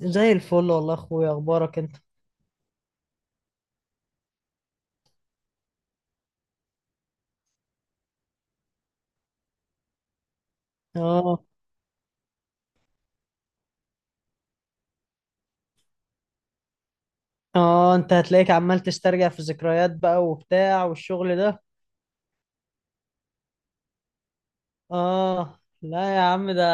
زي الفل والله يا اخويا، اخبارك انت؟ اه. اه، انت هتلاقيك عمال تسترجع في ذكريات بقى وبتاع والشغل ده. اه لا يا عم ده.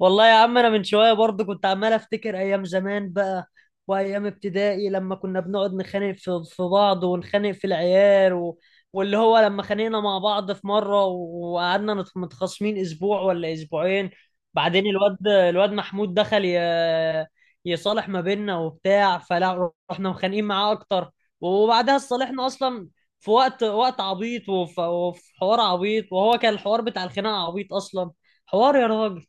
والله يا عم انا من شويه برضه كنت عمال افتكر ايام زمان بقى، وايام ابتدائي لما كنا بنقعد نخانق في بعض ونخانق في العيال واللي هو لما خانقنا مع بعض في مره وقعدنا متخاصمين اسبوع ولا اسبوعين. بعدين الواد محمود دخل يصالح ما بيننا وبتاع، فلا رحنا مخانقين معاه اكتر وبعدها صالحنا اصلا. في وقت عبيط وفي حوار عبيط، وهو كان الحوار بتاع الخناقه عبيط اصلا. حوار يا راجل.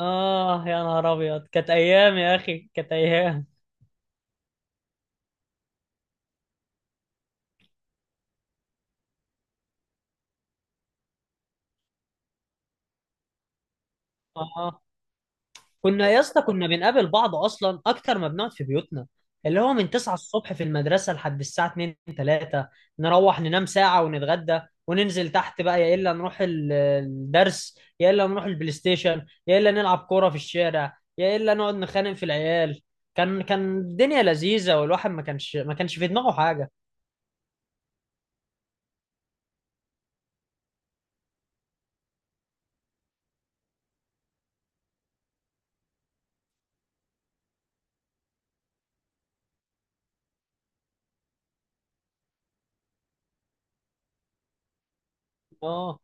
آه يا نهار أبيض، كانت أيام يا أخي كانت أيام. آه. كنا يا اسطى كنا بنقابل بعض أصلا أكتر ما بنقعد في بيوتنا، اللي هو من 9 الصبح في المدرسة لحد الساعة 2 3، نروح ننام ساعة ونتغدى وننزل تحت بقى، يا إلا نروح الدرس يا إلا نروح البلاي ستيشن يا إلا نلعب كورة في الشارع يا إلا نقعد نخانق في العيال. كان الدنيا لذيذة، والواحد ما كانش في دماغه حاجة. آه.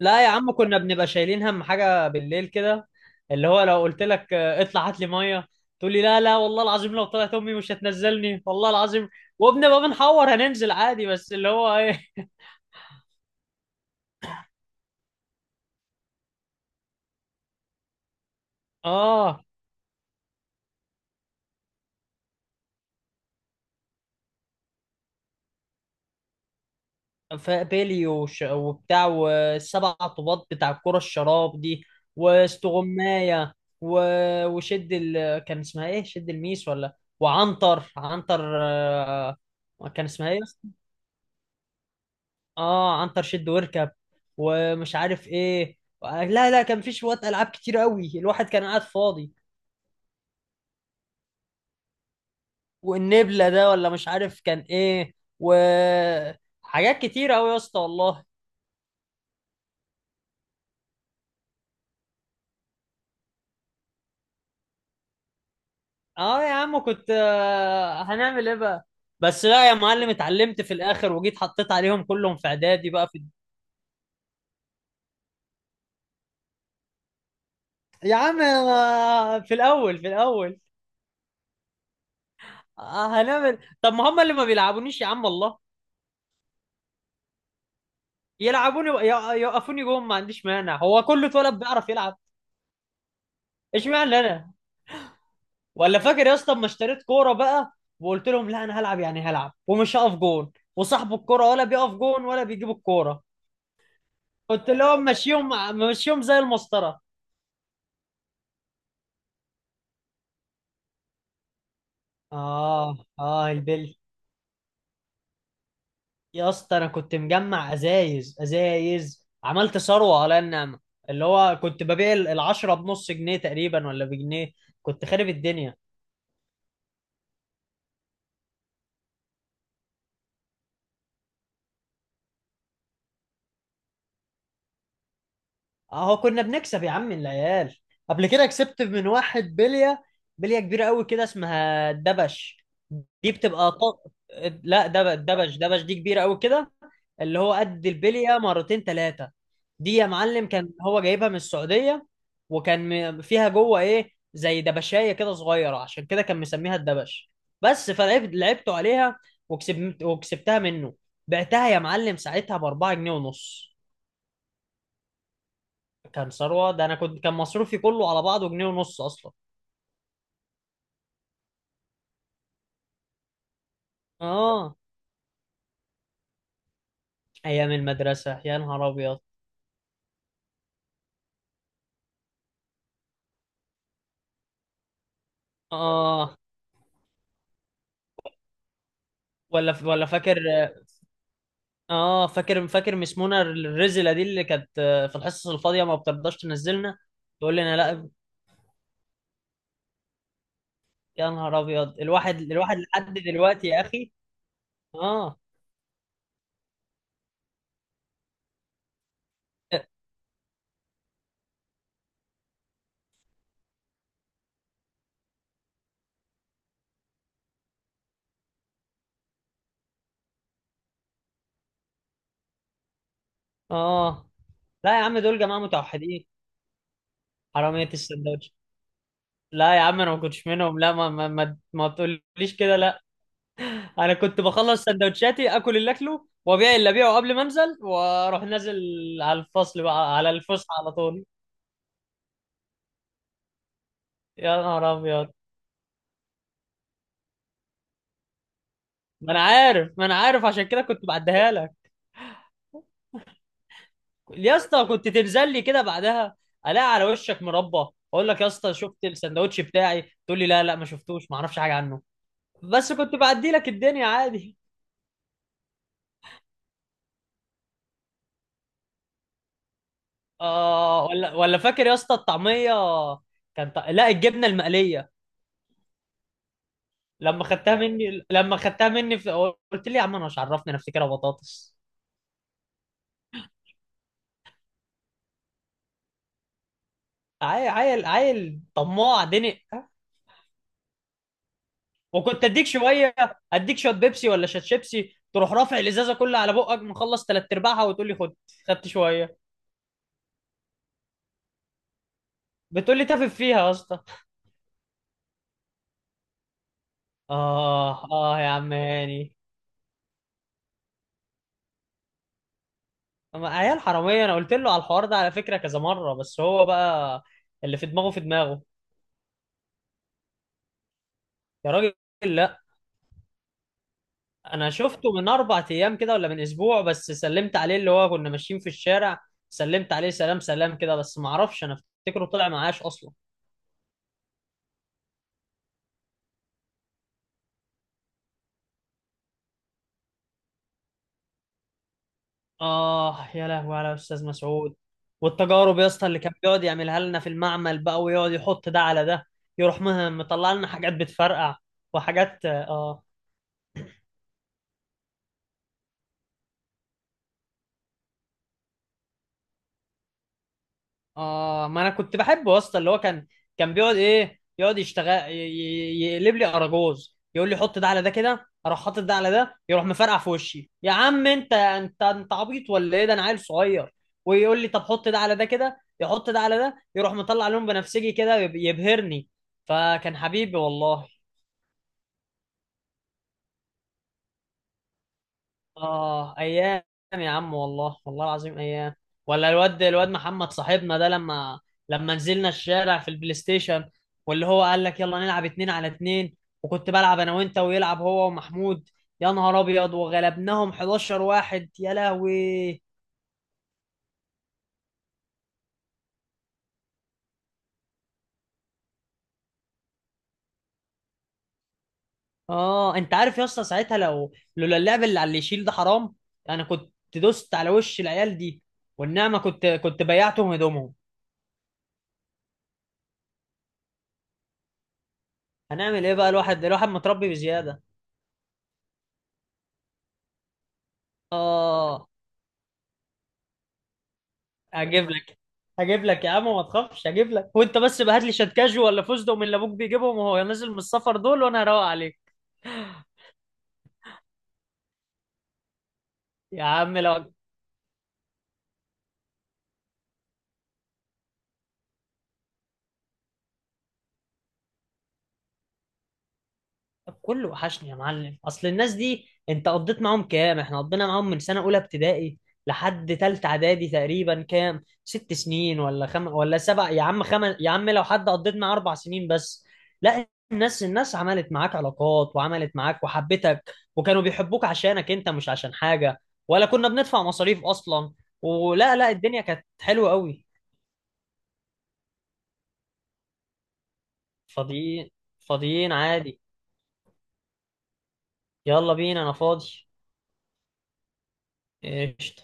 لا يا عم كنا بنبقى شايلين هم حاجة بالليل كده، اللي هو لو قلت لك اطلع هات لي مية، تقول لي لا لا والله العظيم لو طلعت امي مش هتنزلني والله العظيم. وبنبقى بنحور هننزل عادي، بس اللي هو ايه. اه. فبيلي وش وبتاع، والسبع طوبات بتاع الكرة الشراب دي، واستغماية و... وشد كان اسمها ايه؟ شد الميس، ولا وعنتر عنتر، كان اسمها ايه؟ اه، عنتر شد واركب، ومش عارف ايه. لا لا، كان في شوية العاب كتير قوي، الواحد كان قاعد فاضي. والنبلة ده ولا مش عارف كان ايه، وحاجات كتير قوي يا اسطى والله. اه يا عم كنت، هنعمل ايه بقى. بس لا يا معلم، اتعلمت في الاخر وجيت حطيت عليهم كلهم في اعدادي بقى في. يا عم أنا في الاول في الاول، هنعمل إيه؟ طب ما هم اللي ما بيلعبونيش يا عم والله. يلعبوني يوقفوني جوه، ما عنديش مانع، هو كله اتولد بيعرف يلعب؟ اشمعنى انا. ولا فاكر يا اسطى اما اشتريت كوره بقى، وقلت لهم لا انا هلعب يعني هلعب ومش هقف جون، وصاحب الكوره ولا بيقف جون ولا بيجيب الكوره؟ قلت لهم ماشيهم، ماشيهم زي المسطره. اه. اه البل. يا اسطى انا كنت مجمع ازايز عملت ثروه على النعمه، اللي هو كنت ببيع العشرة بنص جنيه تقريبا ولا بجنيه، كنت خارب الدنيا. اهو كنا بنكسب يا عم العيال. قبل كده كسبت من واحد بليه، بليه كبيره قوي كده اسمها الدبش. دي بتبقى لا، دبش دي كبيره قوي كده، اللي هو قد البليه مرتين ثلاثه. دي يا معلم كان هو جايبها من السعوديه، وكان فيها جوه ايه زي دبشايه كده صغيره، عشان كده كان مسميها الدبش. بس فلعبت لعبته عليها، وكسبت وكسبتها منه. بعتها يا معلم ساعتها ب 4 جنيه ونص. كان ثروه ده، انا كنت كان مصروفي كله على بعضه جنيه ونص اصلا. اه. ايام المدرسه يا نهار ابيض. اه. ولا ولا فاكر. اه، فاكر فاكر مس منى الرزله دي اللي كانت، في الحصص الفاضيه ما بترضاش تنزلنا، تقول لنا لا. يا نهار ابيض، الواحد الواحد لحد دلوقتي يا اخي. اه. اه لا يا عم، دول جماعه متوحدين. حراميه السندوتش. لا يا عم انا ما كنتش منهم، لا ما تقوليش كده لا. انا كنت بخلص سندوتشاتي، اكل اللي اكله وابيع اللي ابيعه قبل ما انزل، واروح نازل على الفصل بقى، على الفسحه على طول. يا نهار ابيض. ما انا عارف، ما انا عارف عشان كده كنت بعديها لك. يا اسطى كنت تنزل لي كده بعدها الاقي على وشك مربى. اقول لك يا اسطى، شفت السندوتش بتاعي؟ تقول لي لا لا ما شفتوش ما اعرفش حاجه عنه. بس كنت بعدي لك الدنيا عادي. اه، ولا ولا فاكر يا اسطى الطعميه؟ كان لا الجبنه المقليه، لما خدتها مني، قلت لي يا عم انا مش عرفني، انا افتكرها بطاطس. عيل عيل عيل طماع دنق. وكنت اديك شويه، اديك شويه بيبسي ولا شات شيبسي، تروح رافع الازازه كلها على بقك، مخلص ثلاث ارباعها وتقول لي خد. خدت شويه، بتقولي تافه فيها يا اسطى. اه. اه يا عم هاني. أما عيال حراميه، انا قلت له على الحوار ده على فكره كذا مره، بس هو بقى اللي في دماغه في دماغه. يا راجل لا. انا شفته من 4 ايام كده ولا من اسبوع، بس سلمت عليه، اللي هو كنا ماشيين في الشارع، سلمت عليه سلام سلام كده، بس ما اعرفش انا، افتكره طلع معاش اصلا. اه يا لهوي على استاذ مسعود. والتجارب يا اسطى اللي كان بيقعد يعملها لنا في المعمل بقى، ويقعد يحط ده على ده، يروح مطلع لنا حاجات بتفرقع، وحاجات اه. اه، ما انا كنت بحبه يا اسطى، اللي هو كان بيقعد ايه، يقعد يشتغل يقلب لي اراجوز، يقول لي حط ده على ده كده، اروح حاطط ده على ده، يروح مفرقع في وشي. يا عم انت، انت عبيط ولا ايه ده، انا عيل صغير. ويقول لي طب حط ده على ده كده، يحط ده على ده يروح مطلع لون بنفسجي كده، يبهرني. فكان حبيبي والله. اه ايام. يا عم والله، والله العظيم ايام. ولا الواد محمد صاحبنا ده، لما نزلنا الشارع في البلاي ستيشن، واللي هو قال لك يلا نلعب اتنين على اتنين، وكنت بلعب انا وانت ويلعب هو ومحمود. يا نهار ابيض وغلبناهم 11 واحد يا لهوي. اه انت عارف يا اسطى ساعتها، لو لولا اللعب اللي على اللي يشيل ده حرام، انا كنت دوست على وش العيال دي والنعمه، كنت بيعتهم هدومهم. هنعمل ايه بقى، الواحد الواحد متربي بزياده. اه. هجيب لك هجيب لك يا عم ما تخافش، هجيب لك وانت بس بقى هات لي شات كاجو ولا فوزدو من اللي ابوك بيجيبهم وهو نازل من السفر دول، وانا هروق عليك. يا عم لو. كله وحشني يا معلم، اصل الناس دي انت قضيت معاهم كام، احنا قضينا معاهم من سنه اولى ابتدائي لحد تالتة اعدادي تقريبا، كام 6 سنين ولا ولا سبع؟ يا عم يا عم لو حد قضيت معاه 4 سنين بس. لا الناس عملت معاك علاقات، وعملت معاك وحبتك، وكانوا بيحبوك عشانك انت مش عشان حاجه، ولا كنا بندفع مصاريف اصلا. ولا لا الدنيا كانت حلوه قوي. فاضيين. فاضيين عادي. يلا بينا انا فاضي. ايش